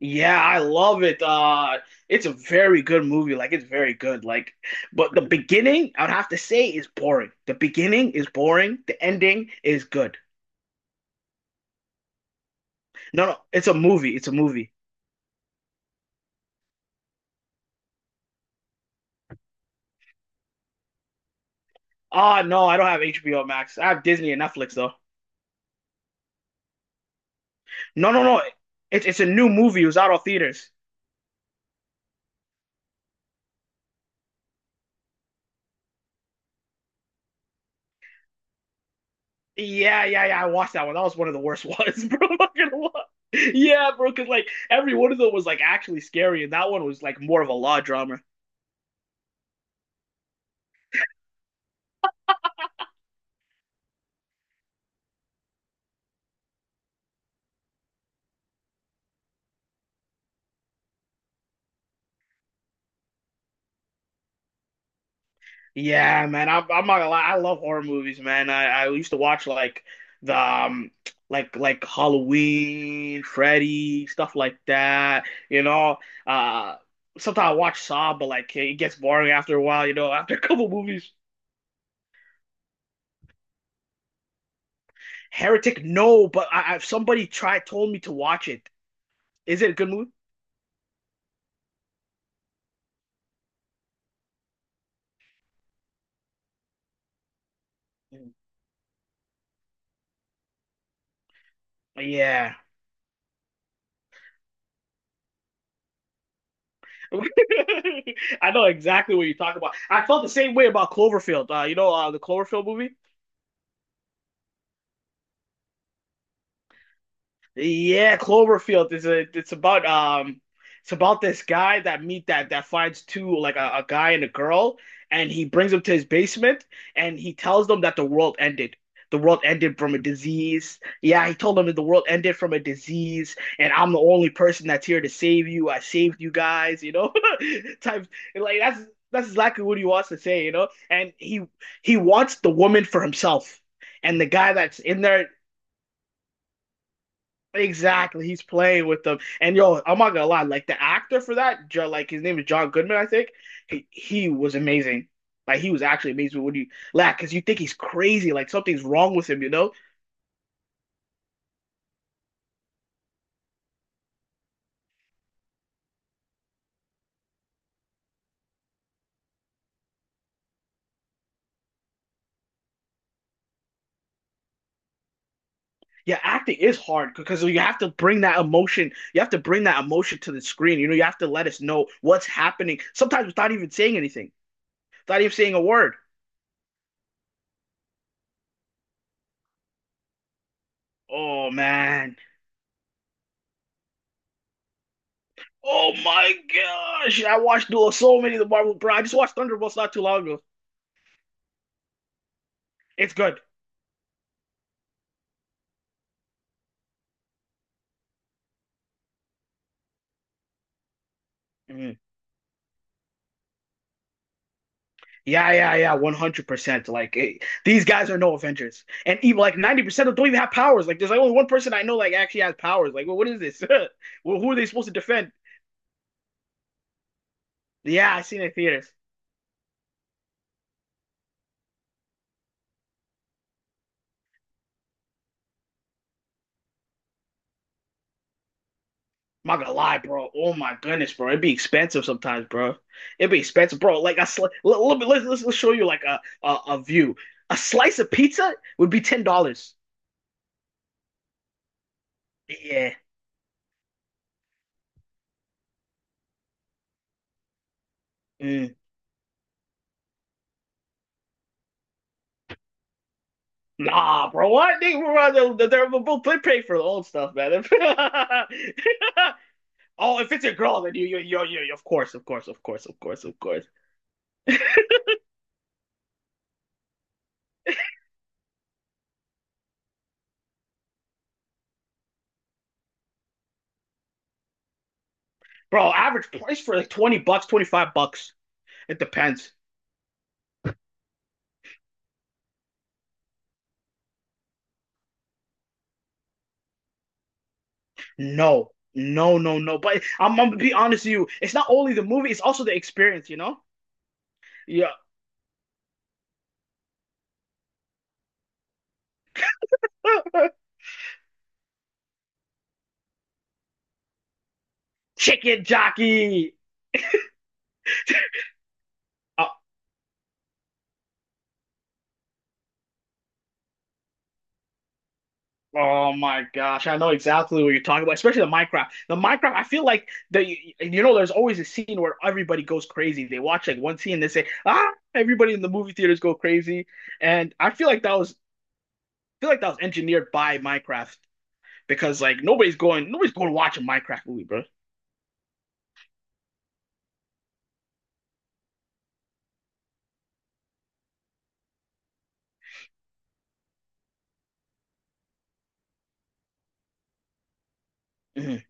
Yeah, I love it. It's a very good movie. Like it's very good. But the beginning, I'd have to say, is boring. The beginning is boring. The ending is good. No, no, it's a movie. It's a movie. Ah, no, I don't have HBO Max. I have Disney and Netflix though. No, no, no. It's a new movie. It was out of theaters. Yeah, yeah, yeah, I watched that one. That was one of the worst ones, bro. I'm not gonna lie. Yeah, bro, because like every one of them was like actually scary, and that one was like more of a law drama. Yeah, man. I'm not gonna lie. I love horror movies, man. I used to watch like the like Halloween, Freddy, stuff like that. You know, uh, Sometimes I watch Saw, but like it gets boring after a while. You know, after a couple movies. Heretic, no, but I somebody tried told me to watch it. Is it a good movie? Yeah. I know exactly what you're talking about. I felt the same way about Cloverfield. The Cloverfield movie. Yeah, Cloverfield is a it's about it's about this guy that meet that that finds two like a guy and a girl and he brings them to his basement and he tells them that the world ended. The world ended from a disease. Yeah, he told them that the world ended from a disease and I'm the only person that's here to save you. I saved you guys, you know? Type like that's exactly what he wants to say, you know? And he wants the woman for himself. And the guy that's in there. Exactly, he's playing with them, and yo, I'm not gonna lie, like the actor for that, like his name is John Goodman, I think. He was amazing, like he was actually amazing. When you, like, because you think he's crazy, like something's wrong with him, you know? Yeah, acting is hard because you have to bring that emotion. You have to bring that emotion to the screen. You know, you have to let us know what's happening. Sometimes without even saying anything, without even saying a word. Oh man. Oh my gosh! I watched so many of the Marvel, bro. I just watched Thunderbolts not too long ago. It's good. Mm. Yeah, yeah, yeah, 100%. These guys are no Avengers. And even like 90% of them don't even have powers. Like there's like only one person I know like actually has powers. Like, well, what is this? Well, who are they supposed to defend? Yeah, I seen it in theaters. I'm not gonna lie, bro. Oh my goodness, bro. It'd be expensive sometimes, bro. It'd be expensive, bro. Like I sl let, let me let's show you like a view. A slice of pizza would be $10. Yeah. Mm. Nah, bro. What? They're both pay for the old stuff, man. Oh, if it's a girl, then of course, of course. Bro, average price for like 20 bucks, 25 bucks. It depends. No, no, no, no. But I'm gonna be honest with you. It's not only the movie, it's also the experience, you know? Yeah. Chicken jockey. Uh, oh my gosh, I know exactly what you're talking about, especially the Minecraft. The Minecraft, I feel like the There's always a scene where everybody goes crazy. They watch like one scene, and they say, ah, everybody in the movie theaters go crazy. And I feel like that was feel like that was engineered by Minecraft because like nobody's going to watch a Minecraft movie, bro. Mm-hmm.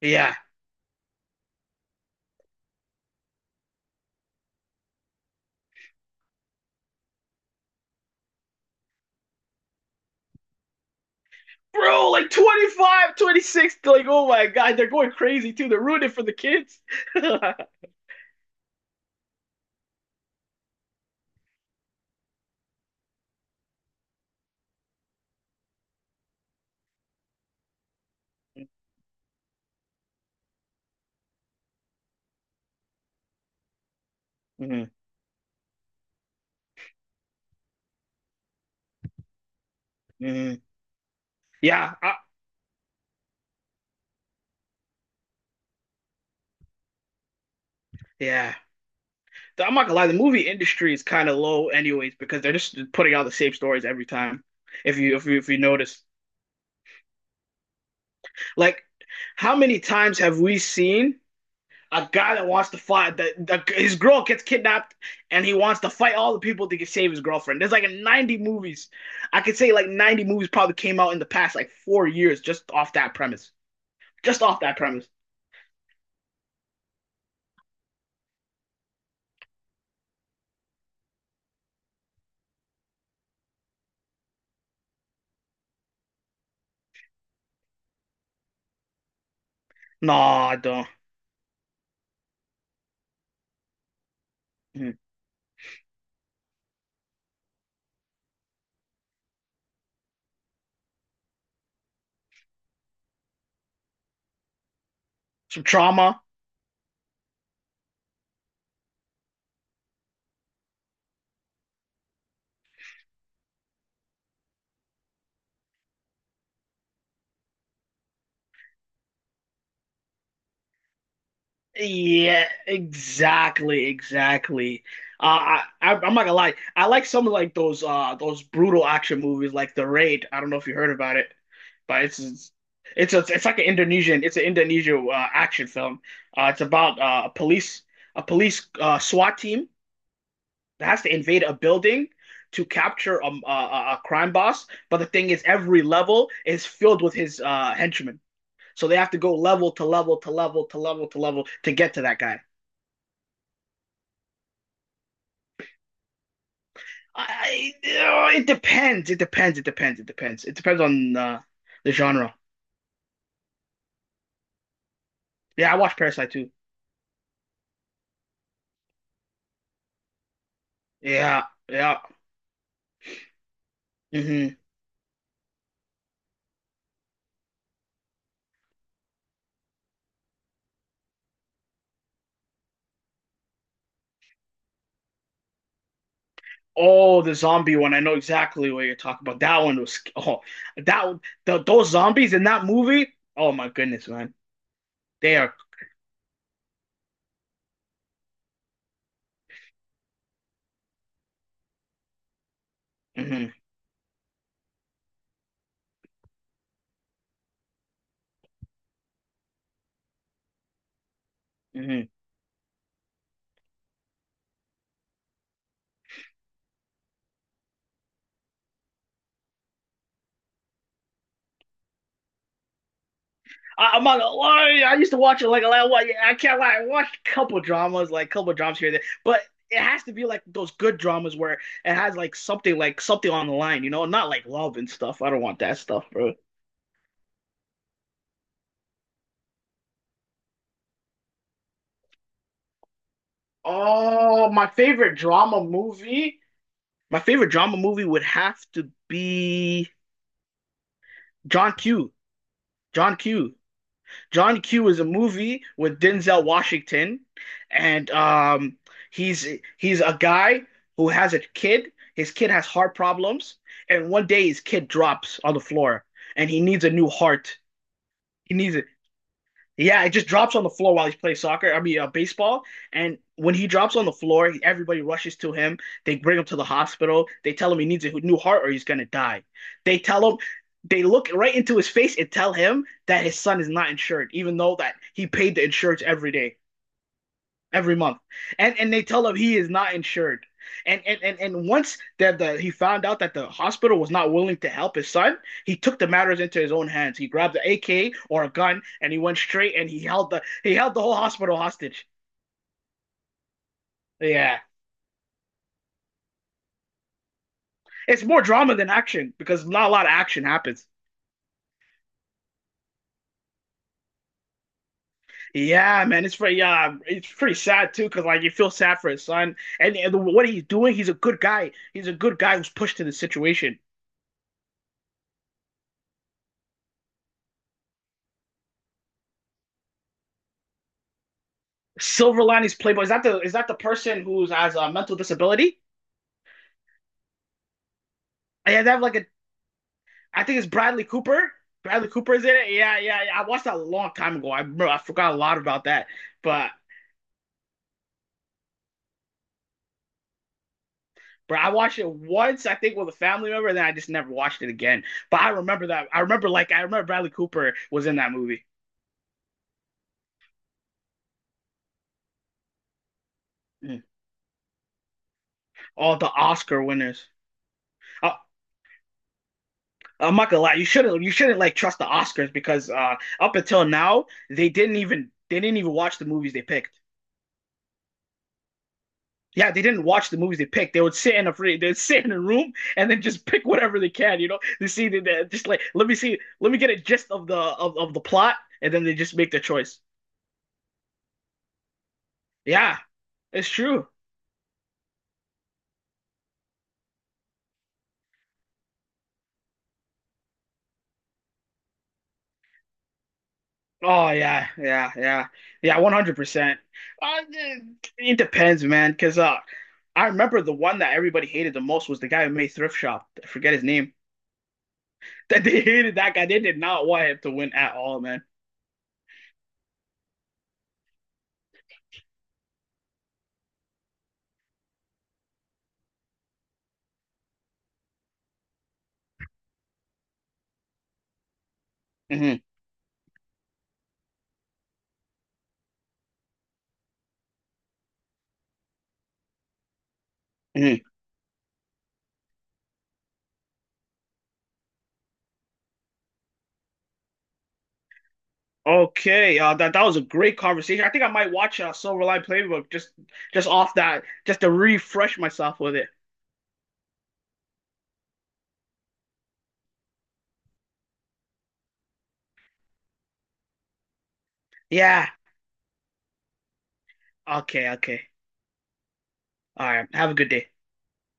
Yeah. Bro, like 25, 26. Like oh my god, they're going crazy too. They're ruining it for the kids. Mm-hmm. Mm-hmm. Yeah, I, yeah. I'm not gonna lie, the movie industry is kind of low anyways because they're just putting out the same stories every time. If you notice, like how many times have we seen a guy that wants to fight that his girl gets kidnapped and he wants to fight all the people to save his girlfriend. There's like 90 movies. I could say like 90 movies probably came out in the past like 4 years just off that premise. Just off that premise. No, I don't. Mm. Some trauma. Yeah, exactly, exactly. I'm not gonna lie. I like some of like those brutal action movies like The Raid. I don't know if you heard about it. But it's like an Indonesian. It's an Indonesian action film. It's about a police SWAT team that has to invade a building to capture a crime boss. But the thing is, every level is filled with his henchmen, so they have to go level to level to level to level to level to get to that guy. Oh, it depends. It depends on the genre. Yeah, I watched Parasite too. Yeah, yeah. Hmm. Oh, the zombie one. I know exactly what you're talking about. That one was that those zombies in that movie. Oh my goodness, man. They are. Mhm, mhm. I am not gonna lie. I used to watch it like a lot. I can't lie. I watched a couple dramas, like a couple dramas here and there, but it has to be like those good dramas where it has like something on the line, you know, not like love and stuff. I don't want that stuff, bro. Oh, my favorite drama movie. My favorite drama movie would have to be John Q. John Q. John Q is a movie with Denzel Washington, and he's he's a guy who has a kid. His kid has heart problems, and one day his kid drops on the floor, and he needs a new heart. He needs it. Yeah, it just drops on the floor while he's playing soccer. I mean, baseball. And when he drops on the floor, everybody rushes to him. They bring him to the hospital. They tell him he needs a new heart or he's gonna die. They tell him, they look right into his face and tell him that his son is not insured, even though that he paid the insurance every day every month, and they tell him he is not insured. And once that the he found out that the hospital was not willing to help his son, he took the matters into his own hands. He grabbed an AK or a gun and he went straight and he held the whole hospital hostage. Yeah, it's more drama than action because not a lot of action happens. Yeah, man, it's pretty yeah, it's pretty sad too because like you feel sad for his son and what he's doing. He's a good guy. He's a good guy who's pushed to the situation. Silver Linings Playboy. Is that the person who has a mental disability? Yeah, they have like a. I think it's Bradley Cooper. Bradley Cooper is in it. Yeah, yeah, yeah. I watched that a long time ago. I forgot a lot about that, but. Bro, I watched it once, I think, with a family member, and then I just never watched it again. But I remember that. I remember, like, I remember Bradley Cooper was in that movie. Mm. All the Oscar winners. Uh, I'm not gonna lie, you shouldn't like trust the Oscars because up until now, they didn't even watch the movies they picked. Yeah, they didn't watch the movies they picked. They'd sit in a room and then just pick whatever they can. You know, they see that just like let me see, let me get a gist of of the plot, and then they just make their choice. Yeah, it's true. Oh yeah, yeah, yeah, yeah, 100%. Uh, It depends, man, because I remember the one that everybody hated the most was the guy who made Thrift Shop. I forget his name. That they hated that guy. They did not want him to win at all, man. Hmm. Hmm. Okay, that that was a great conversation. I think I might watch Silver Line Playbook just off that, just to refresh myself with it. Yeah. Okay. Okay. All right. Have a good day.